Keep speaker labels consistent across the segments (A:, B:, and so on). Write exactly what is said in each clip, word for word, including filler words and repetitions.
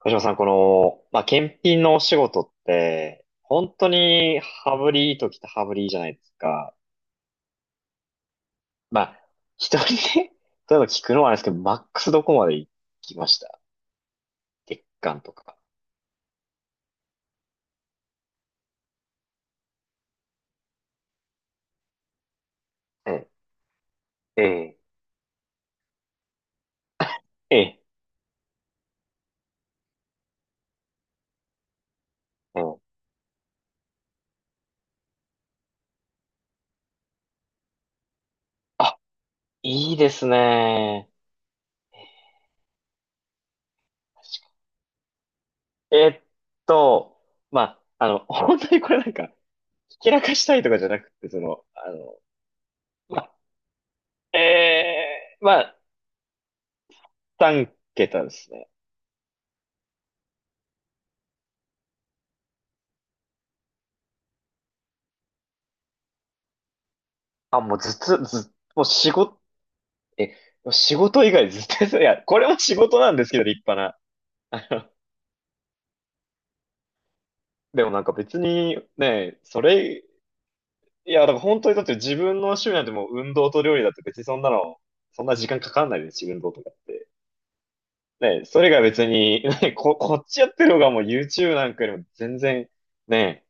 A: 小島さん、この、まあ、検品のお仕事って、本当に羽振りいい時って羽振りいいじゃないですか。まあ、一人で、例えば聞くのはあれですけど、マックスどこまで行きました、月間とか？ええ、ええ、ええ、うん。あ、いいですね。えっと、まあ、あの、本当にこれなんか、ひけらかしたいとかじゃなくて、その、あの、まあ、ええ、まあ、さん桁ですね。あ、もうずっと、ずっもう仕事、え、仕事以外ずっとやってた。いや、これも仕事なんですけど、立派な。あのでもなんか別にね、それ、いや、だから本当にだって自分の趣味なんてもう運動と料理だって別にそんなの、そんな時間かかんないですし、運動とかって。ね、それが別に、ね、こ、こっちやってる方がもう YouTube なんかよりも全然、ね、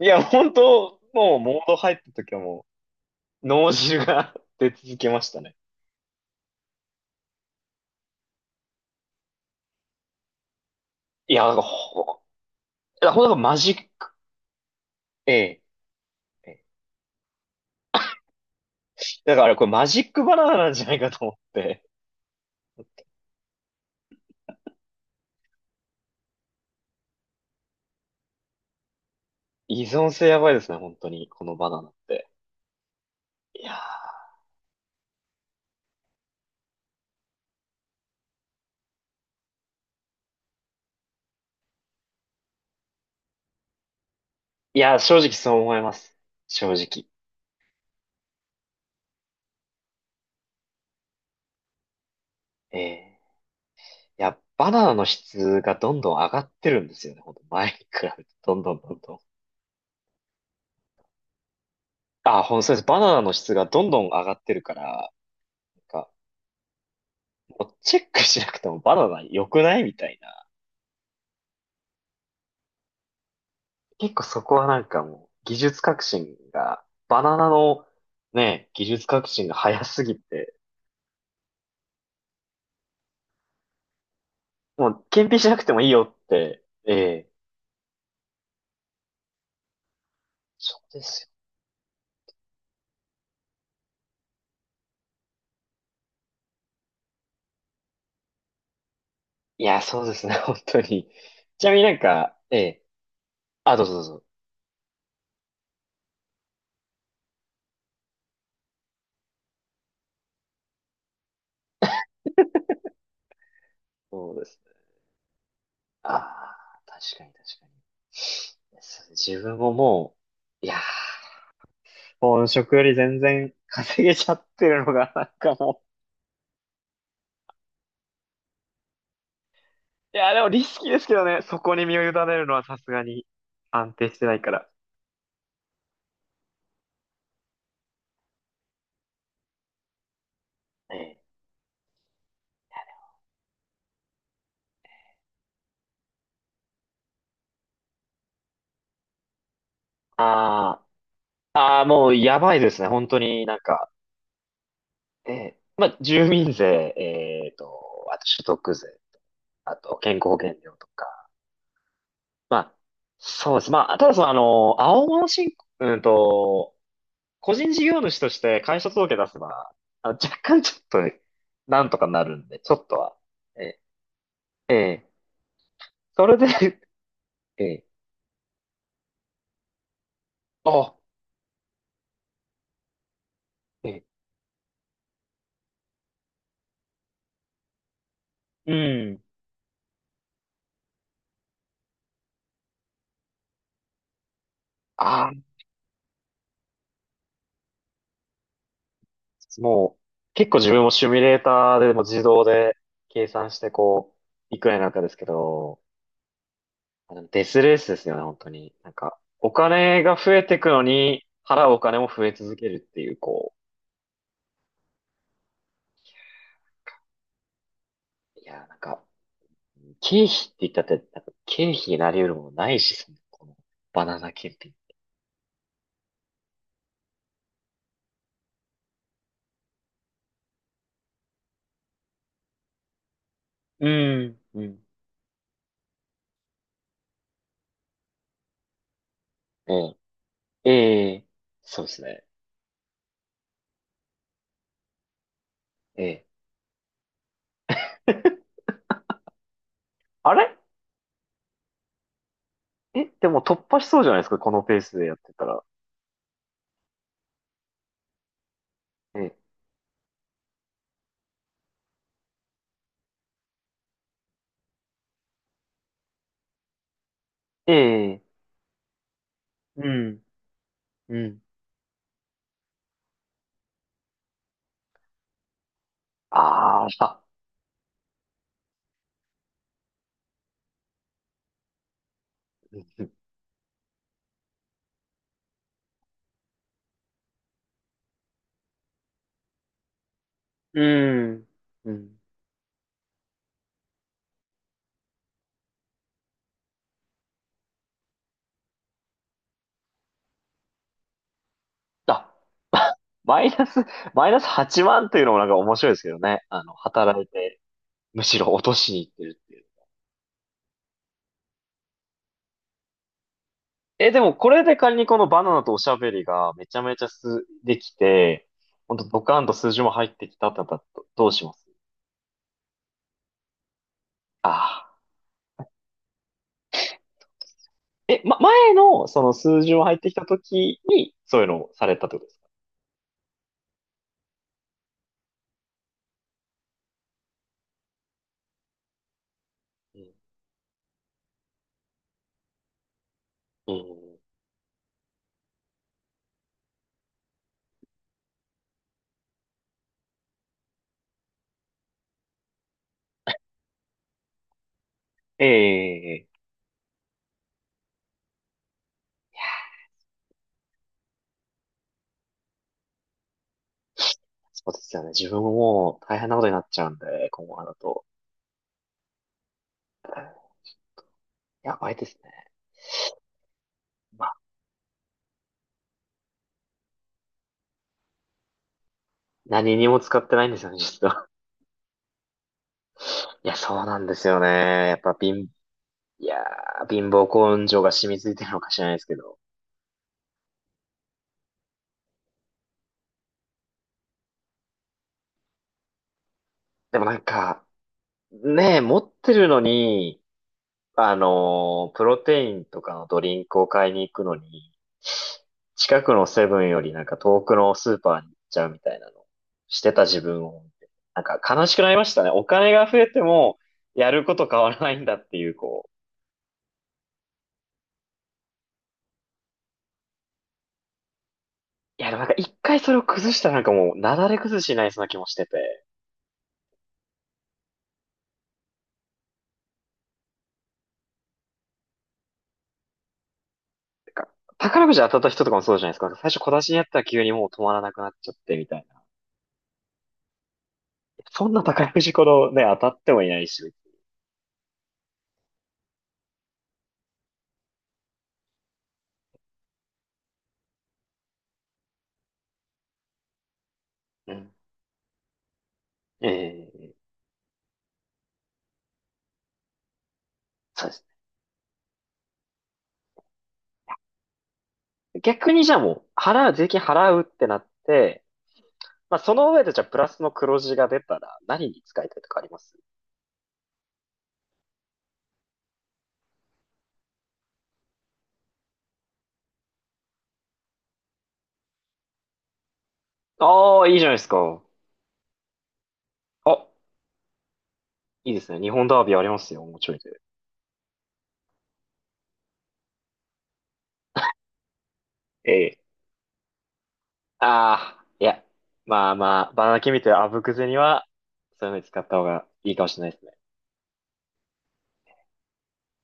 A: いや、本当もうモード入った時はもう、脳汁が 出続けましたね。いや、なんかほ、ほんとなんかマジック、ええ。だからこれマジックバナナなんじゃないかと思って。依存性やばいですね、本当に。このバナナって。いやー、いやー、正直そう思います。正直。ええ、いや、バナナの質がどんどん上がってるんですよね、本当前に比べて。どんどんどんどん。あ、ほんとそうです。バナナの質がどんどん上がってるから、なんか、もうチェックしなくてもバナナ良くないみたいな。結構そこはなんかもう、技術革新が、バナナのね、技術革新が早すぎて、もう、検品しなくてもいいよって。ええ。そうですよ。いや、そうですね、本当に。ちなみになんか、ええ。あ、どうぞどうぞ。そうですね。ああ、確かに確かに。そう自分ももう、いやー、本職より全然稼げちゃってるのが、なんかもう。いやー、でもリスキーですけどね、そこに身を委ねるのはさすがに安定してないから。ええ。ああ、ああ、もうやばいですね、本当になんか。ええ、まあ、住民税、えっと、あと所得税、あと健康保険料とか、まあ、そうです。まあ、ただその、あの、青物申告、うんと、個人事業主として会社届け出せば、あの若干ちょっと、なんとかなるんで、ちょっとは。ええ、ええ、それで、ええ、あ、ええ、うん、ああ、もう、結構自分もシミュレーターでも自動で計算して、こう、いくらになるかですけど、デスレースですよね、本当に。なんか、お金が増えてくのに、払うお金も増え続けるっていう、こう、いや、なんか、経費って言ったって、なんか経費になり得るものないし、その、この、バナナ検品。うん、うん。ええ、ええ、そうですね。ええ。あれえ、でも突破しそうじゃないですか、このペースでやってたら。ええ、ええ、うん、うん、あーあ、うん、うん。うん、あ、マイナス、マイナスはちまんというのもなんか面白いですけどね。あの、働いて、むしろ落としに行ってるっていう。え、でもこれで仮にこのバナナとおしゃべりがめちゃめちゃす、できて、ほんとドカンと数字も入ってきたってなったら、どどうします？ああ。え、ま、前のその数字も入ってきた時に、そういうのをされたってことですか？うん、うん、ええ、ええ、そうですよね。自分ももう大変なことになっちゃうんで、今後だと。やばいですね。まあ、何にも使ってないんですよね、実は。いや、そうなんですよね。やっぱ、貧、いやー、貧乏根性が染みついてるのか知らないですけど。でもなんか、ねえ、持ってるのに、あのープロテインとかのドリンクを買いに行くのに、近くのセブンよりなんか遠くのスーパーに行っちゃうみたいなのをしてた自分を見て、なんか悲しくなりましたね。お金が増えても、やること変わらないんだっていう、こう。いや、でもなんか一回それを崩したらなんかもう、なだれ崩しになりそうな気もしてて。なんか宝くじ当たった人とかもそうじゃないですか。最初小出しにやったら急にもう止まらなくなっちゃってみたいな。そんな宝くじこのね、当たってもいないし。うん。ええ、そうですね。逆にじゃあもう、払う、税金払うってなって、まあその上でじゃあプラスの黒字が出たら何に使いたいとかあります？ああー、いいじゃないですか。あ、いいですね。日本ダービーありますよ、もうちょいで。ええ、ああ、いや。まあまあ、バナナ君みたいなあぶくぜには、そういうのに使った方がいいかもしれないですね。